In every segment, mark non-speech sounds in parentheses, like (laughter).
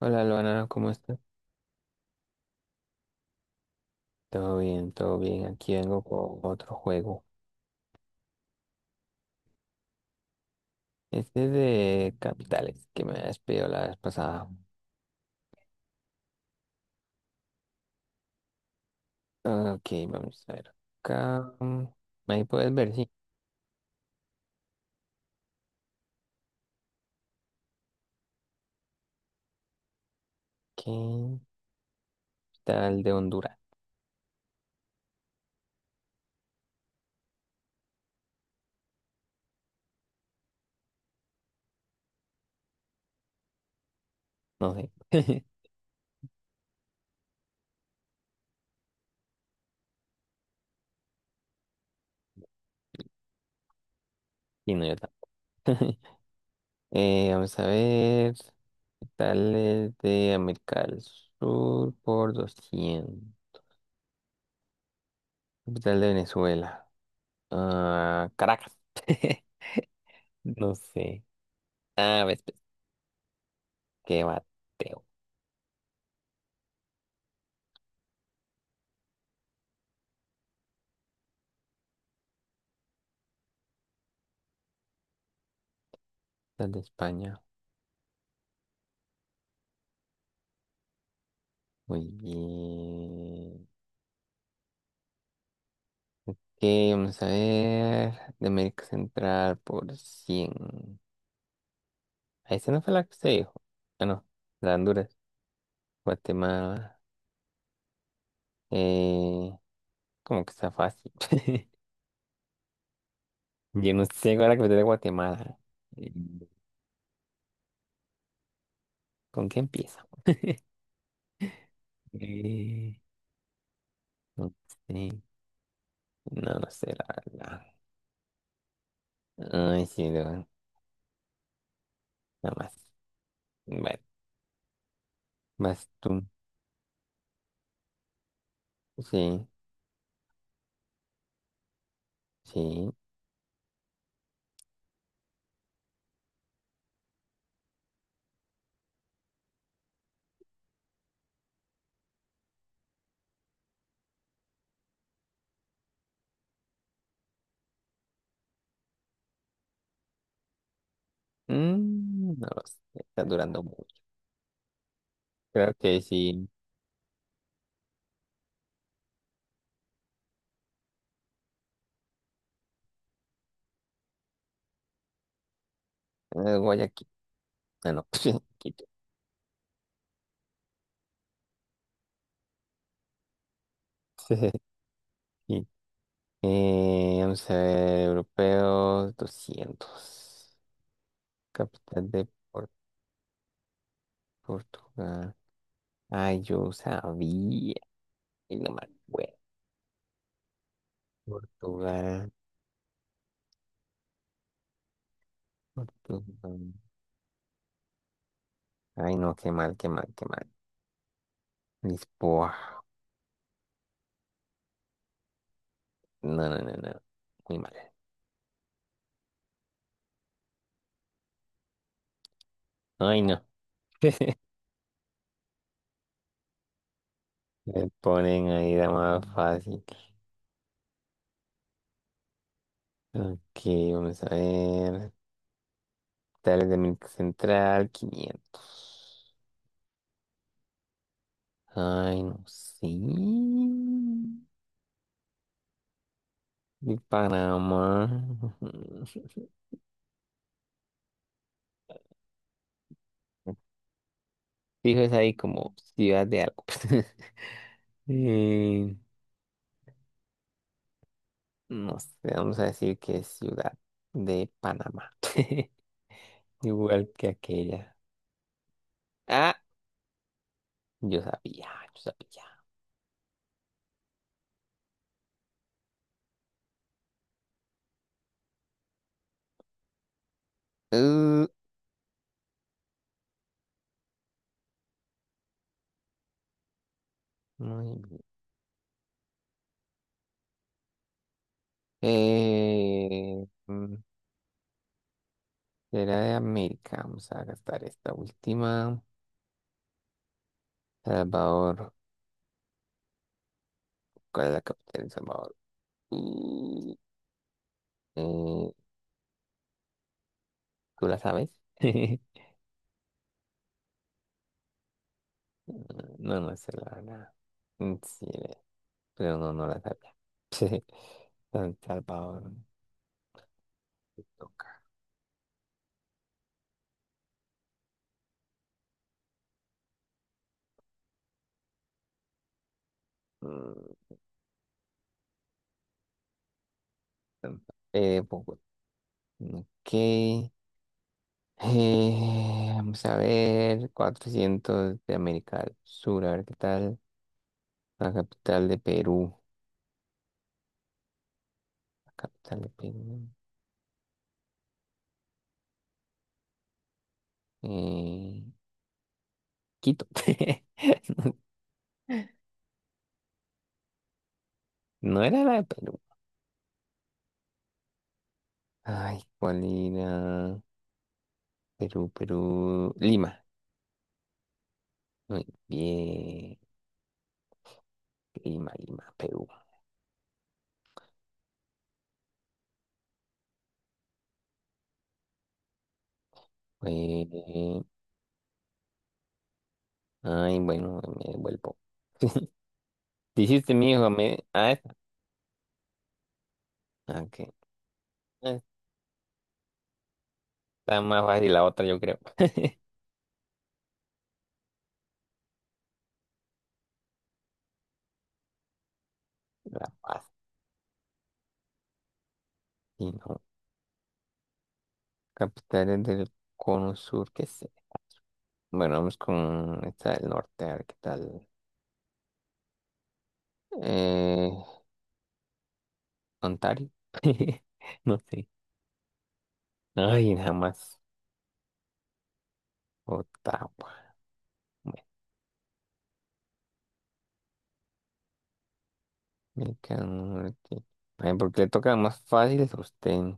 Hola, Luana, ¿cómo estás? Todo bien, todo bien. Aquí vengo con otro juego. Este es de capitales que me has pedido la vez pasada. Ok, vamos a ver. Acá, ahí puedes ver, sí. ¿Qué tal de Honduras? No sé. (laughs) Y no, yo tampoco. (laughs) Vamos a ver. ¿Qué tal es de América del Sur por doscientos? Capital de Venezuela. Ah, Caracas. (laughs) No sé. Ah, ves, pues, qué bate. Las de España. Muy bien. Ok, vamos a ver. De América Central por cien. Ah, esa no fue la que usted dijo. Ah, no. La de Honduras. Guatemala. Eh, Como que está fácil. (laughs) Yo no sé cuál es la capital de Guatemala. Eh, ¿Con qué empieza? (laughs) Eh, no sé. No lo sé, la verdad. Ay, sí, no. Nada más. Bueno, vas tú. Sí, sí. No lo sé, está durando mucho. Creo que sí. Guayaquil. Ah, no. (laughs) Quito. (laughs) Sí. Vamos a ver, europeos 200. Capital de Por- Portugal. Ay, yo sabía. Y no me acuerdo. Portugal. Portugal. Ay, no, qué mal, qué mal, qué mal. Lisboa. No, no, no, no. Muy mal. Ay, no. (laughs) Me ponen ahí la más fácil. Ok, vamos a ver. Tales de América Central, 500. Ay, no sé. De Panamá. (laughs) Fijo, es ahí como ciudad de algo. (laughs) Eh, no sé, vamos a decir que es ciudad de Panamá. (laughs) Igual que aquella. Ah, yo sabía, yo sabía. Uh, muy bien. Eh, mm, Era de América. Vamos a gastar esta última. Salvador. ¿Cuál es la capital de Salvador? Uh, eh, ¿Tú la sabes? (laughs) No, no sé la verdad. Sí, pero no, no la sabía. (laughs) Sí. San Salvador. Toca. Mm, San- Bogotá. Ok. Vamos a ver. Cuatrocientos de América del Sur. A ver qué tal. La capital de Perú. La capital de Perú. Eh, Quito. (laughs) No era la de Perú. Ay, ¿cuál era? Perú, Perú. Lima. Muy bien. Lima, Lima, Perú. Eh, ay, bueno, me devuelvo. Dijiste mi hijo, me. Ah, esa. Ah, ok. Ah, está más fácil la otra, yo creo. (laughs) La Paz. Y no. Capitales del cono sur, qué sé. Bueno, vamos con esta del norte, a ver qué tal. Eh, Ontario. (laughs) No sé. Ay, jamás. Más. Me cago en ay, porque le toca más fácil a usted.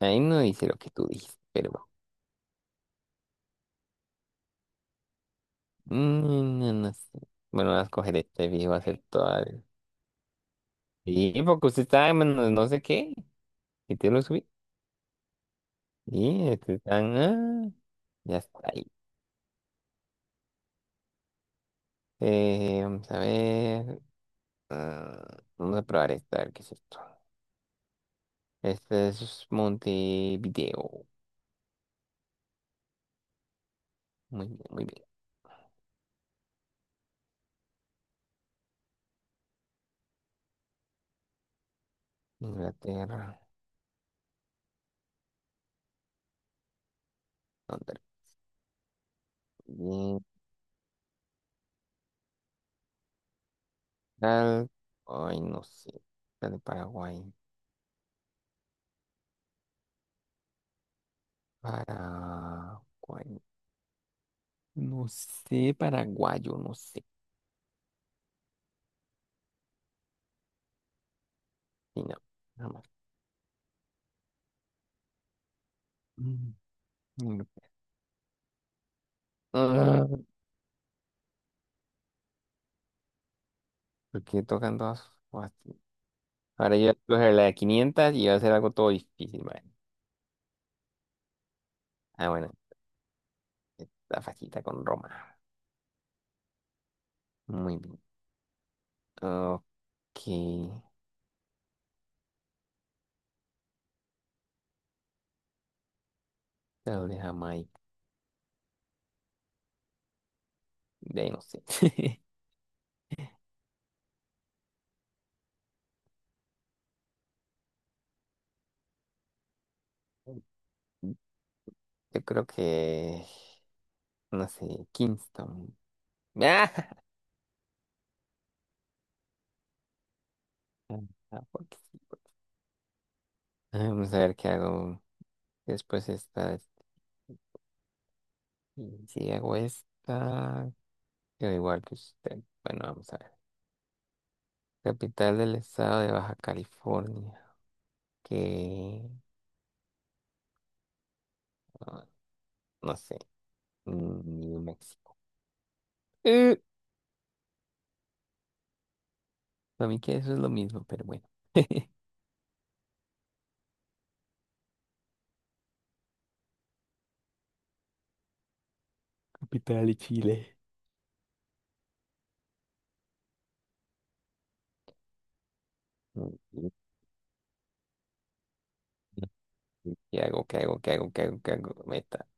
Ahí no dice lo que tú dices, pero bueno. No, no sé. Bueno, voy a escoger este viejo a hacer toda. Sí, porque usted está en menos no sé qué. Y te lo subí. Sí, este está. Ya está ahí. Vamos a ver. Ah, vamos a probar esta, a ver qué es esto. Este es Montevideo. Muy bien, muy bien. Inglaterra. Londres. Bien. Tal, ay, no sé. La de Paraguay. Paraguay. No sé, paraguayo, no sé. Sí, no, nada más. Mm, no. Ah, ¿por qué tocan todas fácil? Ahora yo voy a escoger la de 500 y va a hacer algo todo difícil, ¿vale? Ah, bueno, la facilita con Roma. Muy bien. Ok. Tal de Jamaica. De ahí no sé. (laughs) Yo creo que, no sé, Kingston. (laughs) Ah, porque sí. Vamos a ver qué hago después esta. Y si hago esta, quedo igual que usted. Bueno, vamos a ver. Capital del estado de Baja California. Que ah, no sé. Mm, New México. Eh, para mí que eso es lo mismo, pero bueno. (laughs) Capital de Chile. Mm, mm, mm. ¿Qué hago? ¿Qué hago? ¿Qué hago? ¿Qué hago? ¿Qué hago? Meta.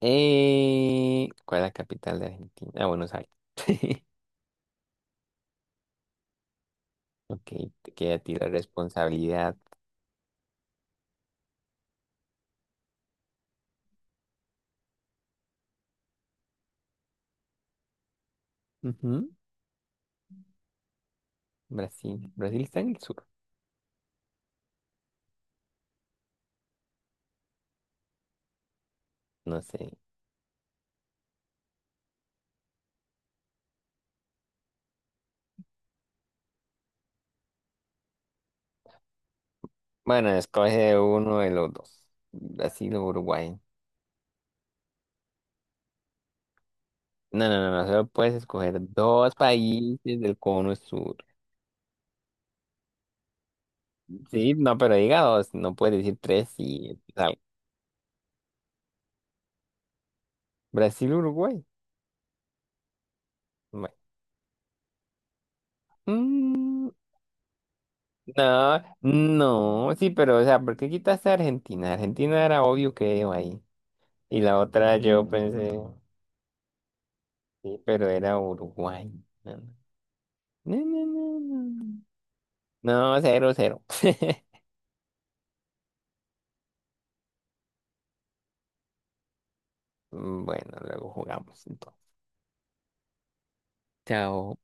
¿Cuál es la capital de Argentina? Ah, Buenos Aires. (laughs) Ok, te queda a ti la responsabilidad. Brasil. Brasil está en el sur. No sé. Bueno, escoge uno de los dos. Brasil o Uruguay. No, no, no, no. Solo puedes escoger dos países del cono sur. Sí, no, pero diga dos. No puedes decir tres y sal. Brasil, Uruguay. Bueno. Mm, no, no. Sí, pero, o sea, ¿por qué quitaste a Argentina? Argentina era obvio que iba ahí. Y la otra yo pensé, sí, pero era Uruguay. No, no, no, no. No, no, no, no, cero, cero. (laughs) Mm, bueno, luego jugamos entonces. Chao.